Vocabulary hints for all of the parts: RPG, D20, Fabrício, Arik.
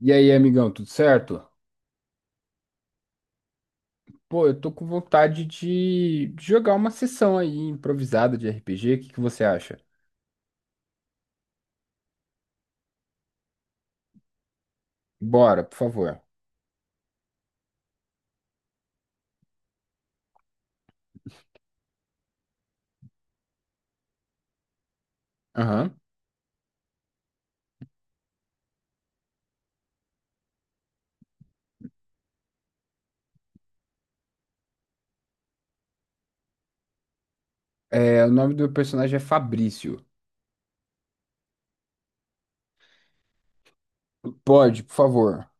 E aí, amigão, tudo certo? Pô, eu tô com vontade de jogar uma sessão aí improvisada de RPG. O que que você acha? Bora, por favor. Aham. O nome do meu personagem é Fabrício. Pode, por favor.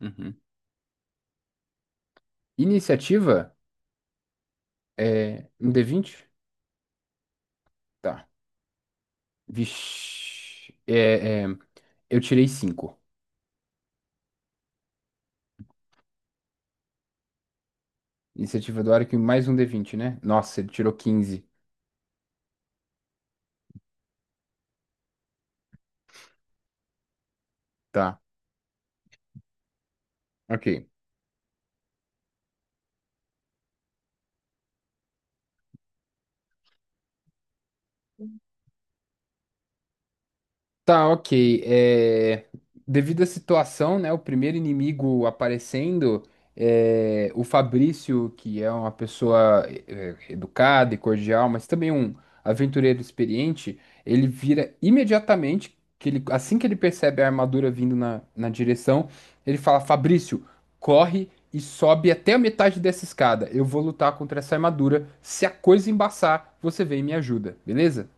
Uhum. Iniciativa? É um D20? Tá. Vixe. Eu tirei 5. Iniciativa do Arco e mais um D20, né? Nossa, ele tirou 15. Tá. Ok. Tá, ok. Devido à situação, né, o primeiro inimigo aparecendo, o Fabrício, que é uma pessoa educada e cordial, mas também um aventureiro experiente, ele vira imediatamente, que ele, assim que ele percebe a armadura vindo na direção, ele fala, Fabrício, corre e sobe até a metade dessa escada. Eu vou lutar contra essa armadura. Se a coisa embaçar, você vem e me ajuda, beleza?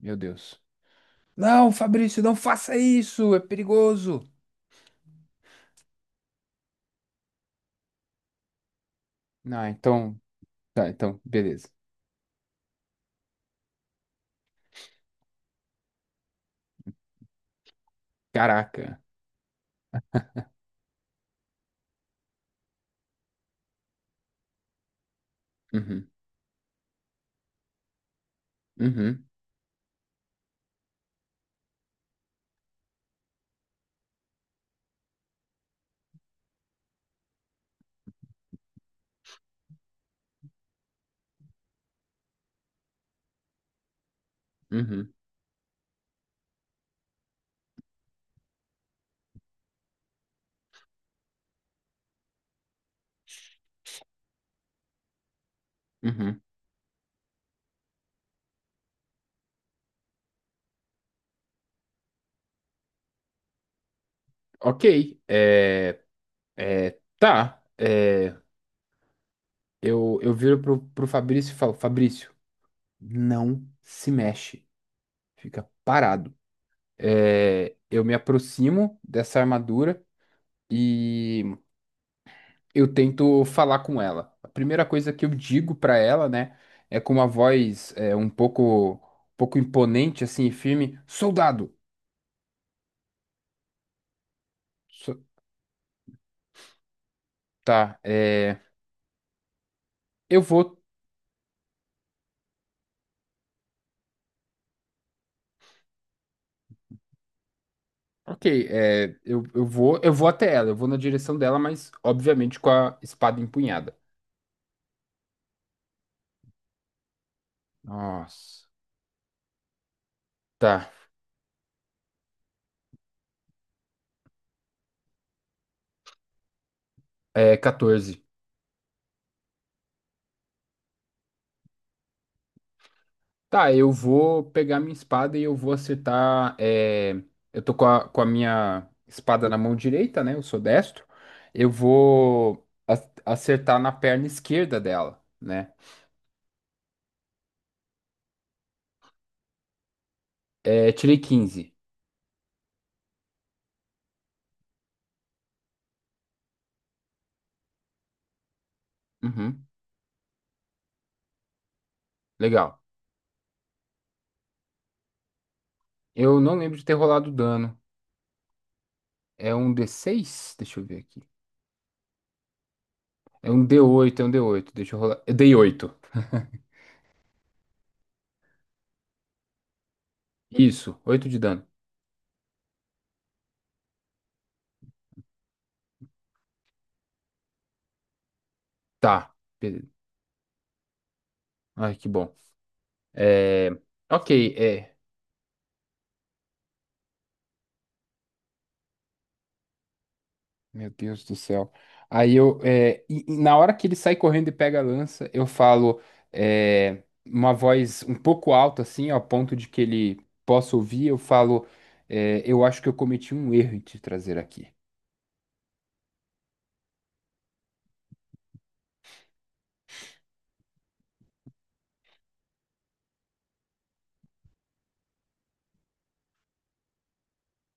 Meu Deus. Não, Fabrício, não faça isso, é perigoso. Ah, então. Tá, então, beleza. Caraca. Uhum, uhum, uhum, uhum. Ok. É, tá. Eu viro pro Fabrício e falo: Fabrício, não se mexe. Fica parado. Eu me aproximo dessa armadura e eu tento falar com ela. A primeira coisa que eu digo pra ela, né, é com uma voz um pouco imponente, assim, e firme: Soldado! So- tá, eu vou. Ok, eu vou até ela, eu vou na direção dela, mas obviamente com a espada empunhada. Nossa. Tá, é 14. Tá, eu vou pegar minha espada e eu vou acertar. Eu tô com a minha espada na mão direita, né? Eu sou destro. Eu vou acertar na perna esquerda dela, né? É, tirei 15. Uhum, legal. Eu não lembro de ter rolado dano. É um D6. Deixa eu ver aqui. É um d oito. Deixa eu rolar. Eu dei 8. Isso, 8 de dano. Tá. Beleza. Ai, que bom. É... Ok. Meu Deus do céu. Aí eu, e na hora que ele sai correndo e pega a lança, eu falo, uma voz um pouco alta, assim, ao ponto de que ele possa ouvir, eu falo, eu acho que eu cometi um erro em te trazer aqui.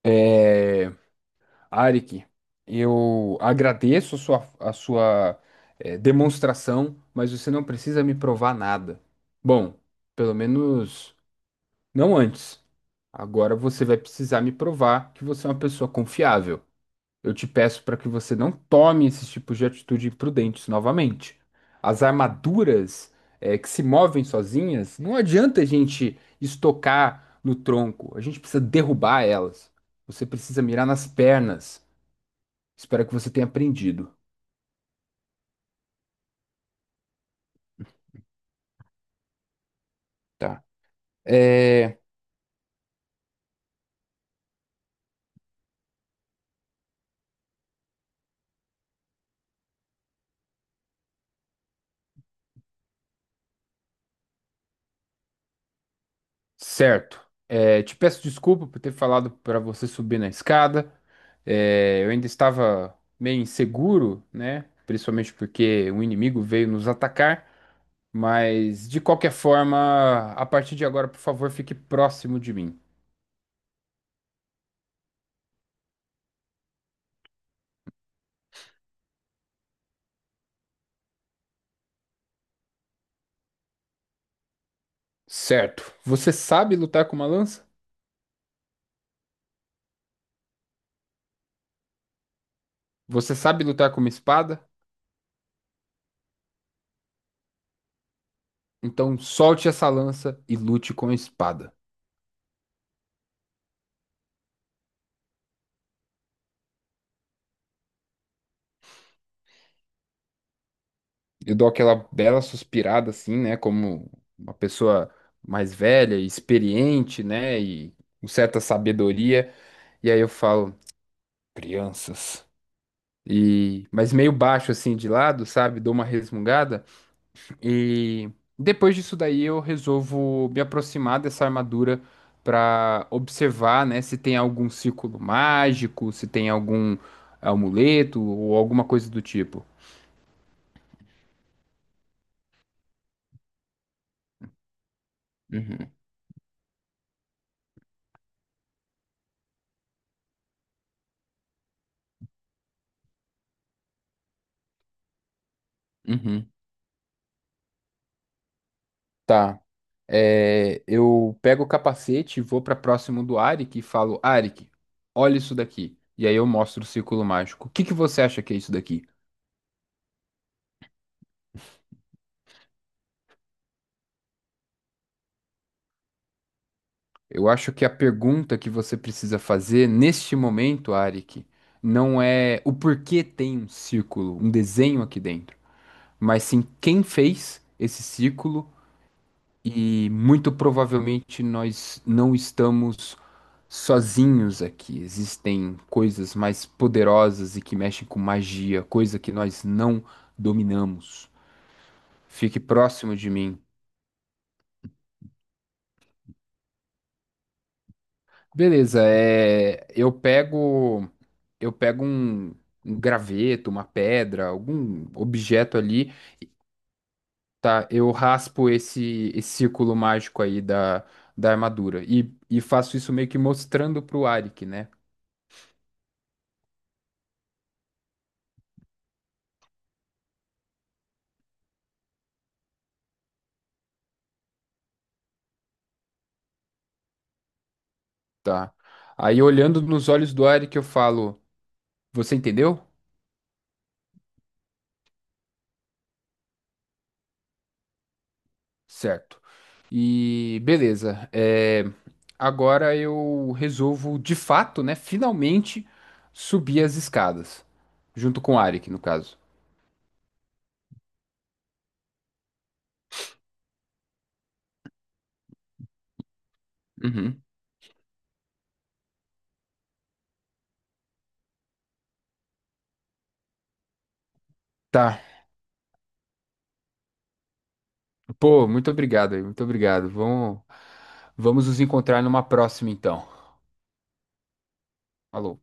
É, Arik, eu agradeço a sua, demonstração, mas você não precisa me provar nada. Bom, pelo menos não antes. Agora você vai precisar me provar que você é uma pessoa confiável. Eu te peço para que você não tome esses tipos de atitude imprudentes novamente. As armaduras, que se movem sozinhas, não adianta a gente estocar no tronco. A gente precisa derrubar elas. Você precisa mirar nas pernas. Espero que você tenha aprendido, tá? É, certo. Te peço desculpa por ter falado para você subir na escada. Eu ainda estava meio inseguro, né? Principalmente porque um inimigo veio nos atacar. Mas, de qualquer forma, a partir de agora, por favor, fique próximo de mim. Certo. Você sabe lutar com uma lança? Você sabe lutar com uma espada? Então solte essa lança e lute com a espada. Eu dou aquela bela suspirada, assim, né? Como uma pessoa mais velha, e experiente, né? E com certa sabedoria. E aí eu falo, crianças. E, mas meio baixo, assim, de lado, sabe? Dou uma resmungada. E depois disso daí eu resolvo me aproximar dessa armadura para observar, né, se tem algum círculo mágico, se tem algum amuleto ou alguma coisa do tipo. Uhum, uhum. Tá. Eu pego o capacete e vou para próximo do Arik e falo, Arik, olha isso daqui. E aí eu mostro o círculo mágico. O que que você acha que é isso daqui? Eu acho que a pergunta que você precisa fazer neste momento, Arik, não é o porquê tem um círculo, um desenho aqui dentro, mas sim quem fez esse círculo e muito provavelmente nós não estamos sozinhos aqui. Existem coisas mais poderosas e que mexem com magia, coisa que nós não dominamos. Fique próximo de mim. Beleza, eu pego um graveto, uma pedra, algum objeto ali, tá? Eu raspo esse círculo mágico aí da armadura e faço isso meio que mostrando pro Arik, né? Tá. Aí olhando nos olhos do Arik eu falo, você entendeu? Certo. E beleza. Agora eu resolvo, de fato, né? Finalmente subir as escadas. Junto com o Arik, no caso. Uhum. Tá. Pô, muito obrigado aí, muito obrigado. Vamos nos encontrar numa próxima, então. Falou.